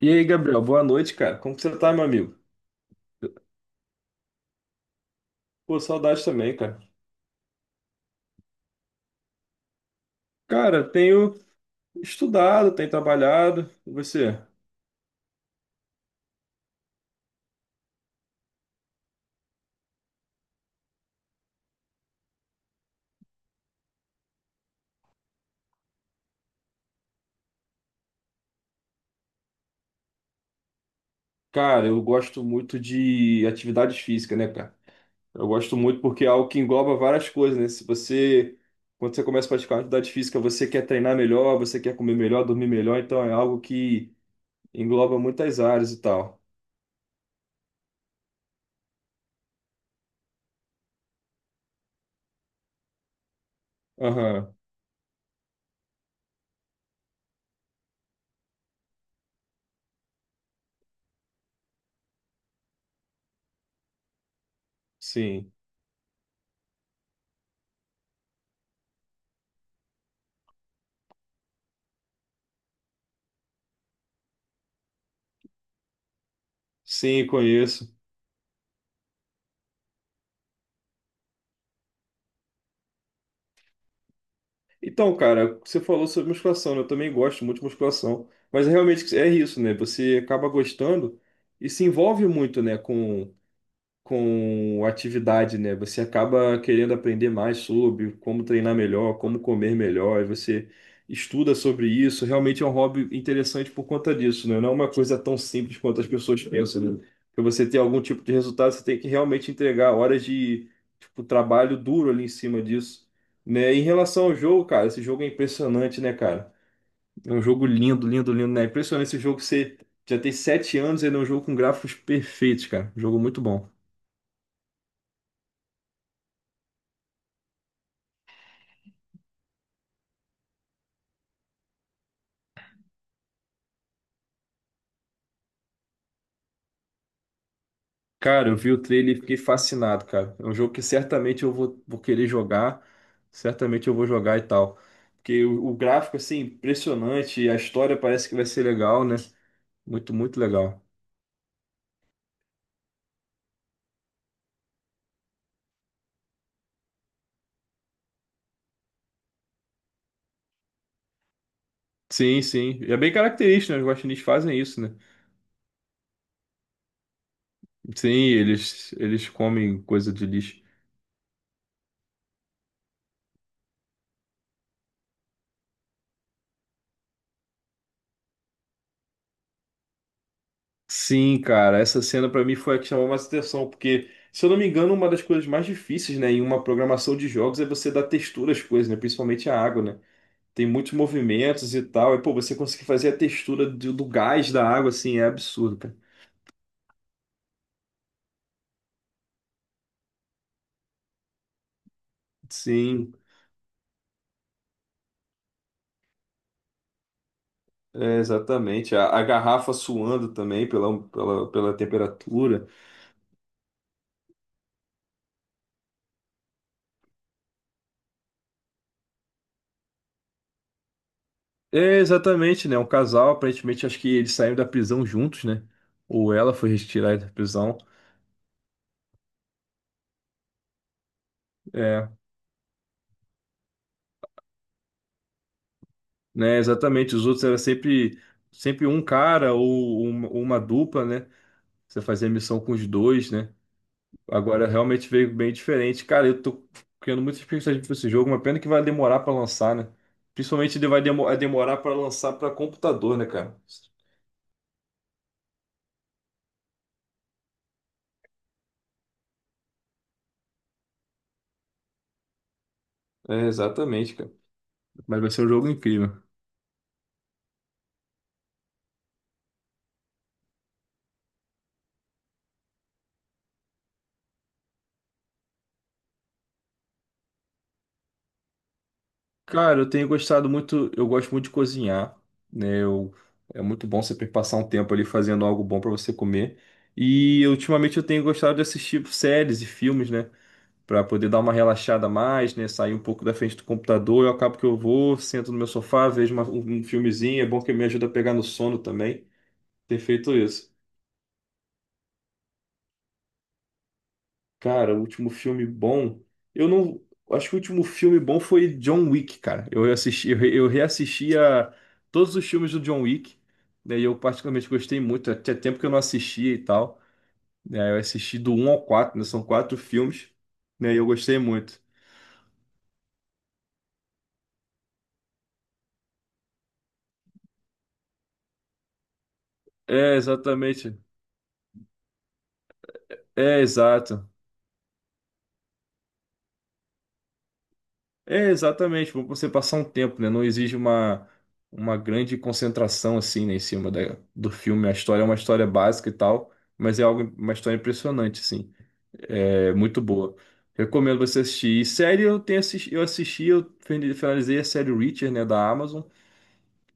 E aí, Gabriel, boa noite, cara. Como que você tá, meu amigo? Pô, saudade também, cara. Cara, tenho estudado, tenho trabalhado. E você? Cara, eu gosto muito de atividades físicas, né, cara? Eu gosto muito porque é algo que engloba várias coisas, né? Se você, Quando você começa a praticar uma atividade física, você quer treinar melhor, você quer comer melhor, dormir melhor, então é algo que engloba muitas áreas e tal. Aham, sim. Sim, conheço. Então, cara, você falou sobre musculação, né? Eu também gosto muito de musculação, mas realmente é isso, né? Você acaba gostando e se envolve muito, né, com atividade, né? Você acaba querendo aprender mais sobre como treinar melhor, como comer melhor, e você estuda sobre isso. Realmente é um hobby interessante por conta disso, né? Não é uma coisa tão simples quanto as pessoas pensam, né? Para você ter algum tipo de resultado, você tem que realmente entregar horas de, tipo, trabalho duro ali em cima disso. Né? Em relação ao jogo, cara, esse jogo é impressionante, né, cara? É um jogo lindo, lindo, lindo, né? É impressionante esse jogo, você já tem sete anos, e ele é um jogo com gráficos perfeitos, cara. Um jogo muito bom. Cara, eu vi o trailer e fiquei fascinado, cara. É um jogo que certamente eu vou querer jogar, certamente eu vou jogar e tal. Porque o gráfico, assim, impressionante, a história parece que vai ser legal, né? Muito, muito legal. Sim, sim. E é bem característico, né? Os guaxinins fazem isso, né? Sim, eles comem coisa de lixo. Sim, cara, essa cena pra mim foi a que chamou mais atenção, porque, se eu não me engano, uma das coisas mais difíceis, né, em uma programação de jogos é você dar textura às coisas, né? Principalmente à água, né? Tem muitos movimentos e tal. E, pô, você conseguir fazer a textura do gás da água, assim, é absurdo, cara. Sim, é, exatamente. A garrafa suando também pela temperatura. É, exatamente, né? Um casal, aparentemente, acho que eles saíram da prisão juntos, né? Ou ela foi retirada da prisão. É, né? Exatamente. Os outros era sempre um cara ou uma dupla, né? Você fazia missão com os dois, né? Agora realmente veio bem diferente. Cara, eu tô criando muita expectativa pra esse jogo, uma pena que vai demorar pra lançar, né? Principalmente ele vai demorar pra lançar pra computador, né, cara? É, exatamente, cara. Mas vai ser um jogo incrível. Cara, eu tenho gostado muito, eu gosto muito de cozinhar, né? Eu, é muito bom você passar um tempo ali fazendo algo bom pra você comer. E ultimamente eu tenho gostado de assistir séries e filmes, né? Para poder dar uma relaxada a mais, né? Sair um pouco da frente do computador. Eu acabo que eu sento no meu sofá, vejo um filmezinho. É bom que me ajuda a pegar no sono também. Ter feito isso. Cara, o último filme bom. Eu não. Acho que o último filme bom foi John Wick, cara. Eu assisti, eu reassisti a todos os filmes do John Wick, né? E eu particularmente gostei muito. Tinha tempo que eu não assistia e tal. Né, eu assisti do um ao 4. Né? São quatro filmes, né? E eu gostei muito. É, exatamente. É, exato. É, exatamente, para você passar um tempo, né? Não exige uma grande concentração assim, né, em cima do filme. A história é uma história básica e tal, mas é algo, uma história impressionante, assim. É muito boa. Recomendo você assistir. E série eu assisti, finalizei a série Reacher, né, da Amazon,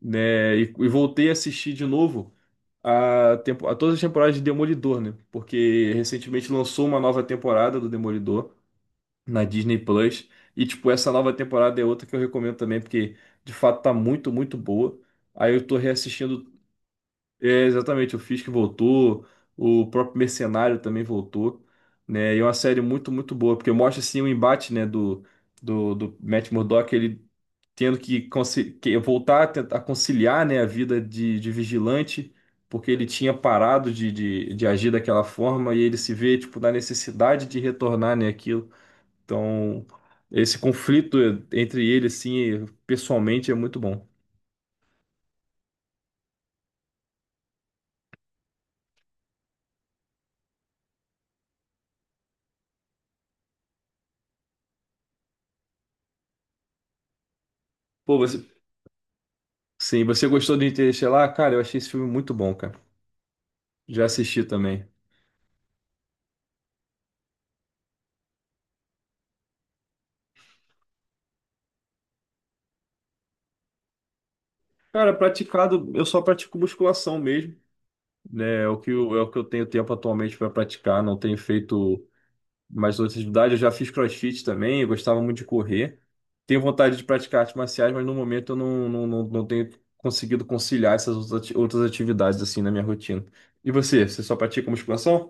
né, e voltei a assistir de novo a, tempo, a todas as temporadas de Demolidor, né? Porque recentemente lançou uma nova temporada do Demolidor na Disney Plus. E, tipo, essa nova temporada é outra que eu recomendo também, porque de fato tá muito, muito boa. Aí eu tô reassistindo, é, exatamente, o Fisk voltou, o próprio Mercenário também voltou, né? E é uma série muito, muito boa, porque mostra, assim, o embate, né, do Matt Murdock, ele tendo que, que voltar a tentar conciliar, né, a vida de vigilante, porque ele tinha parado de agir daquela forma e ele se vê, tipo, na necessidade de retornar, né, então, esse conflito entre ele, assim, pessoalmente é muito bom. Pô, você... Sim, você gostou do Interestelar? Cara, eu achei esse filme muito bom, cara. Já assisti também. Cara, praticado, eu só pratico musculação mesmo, né? É o que é o que eu tenho tempo atualmente para praticar, não tenho feito mais outras atividades. Eu já fiz CrossFit também, eu gostava muito de correr. Tenho vontade de praticar artes marciais, mas no momento eu não tenho conseguido conciliar essas outras outras atividades, assim, na minha rotina. E você, você só pratica musculação?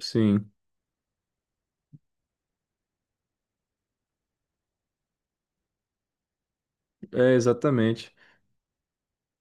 Sim, é exatamente.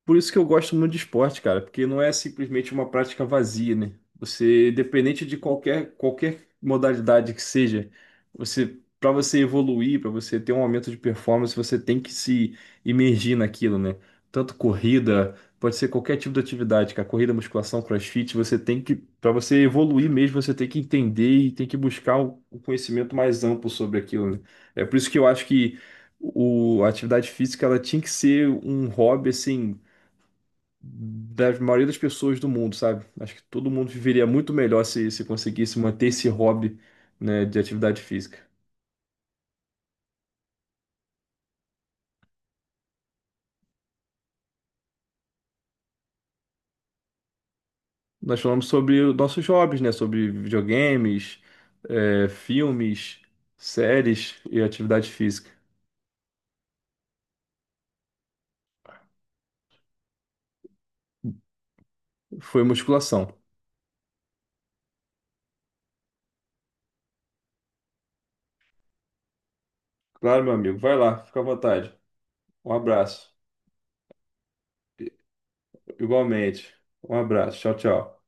Por isso que eu gosto muito de esporte, cara, porque não é simplesmente uma prática vazia, né? Você, independente de qualquer modalidade que seja, você, para você evoluir, para você ter um aumento de performance, você tem que se imergir naquilo, né? Tanto corrida, pode ser qualquer tipo de atividade, cara, corrida, musculação, crossfit, você tem que, para você evoluir mesmo, você tem que entender e tem que buscar o conhecimento mais amplo sobre aquilo, né? É por isso que eu acho que a atividade física ela tinha que ser um hobby assim da maioria das pessoas do mundo, sabe? Acho que todo mundo viveria muito melhor se conseguisse manter esse hobby, né, de atividade física. Nós falamos sobre os nossos hobbies, né? Sobre videogames, é, filmes, séries e atividade física. Foi musculação. Claro, meu amigo. Vai lá, fica à vontade. Um abraço. Igualmente. Um abraço. Tchau, tchau.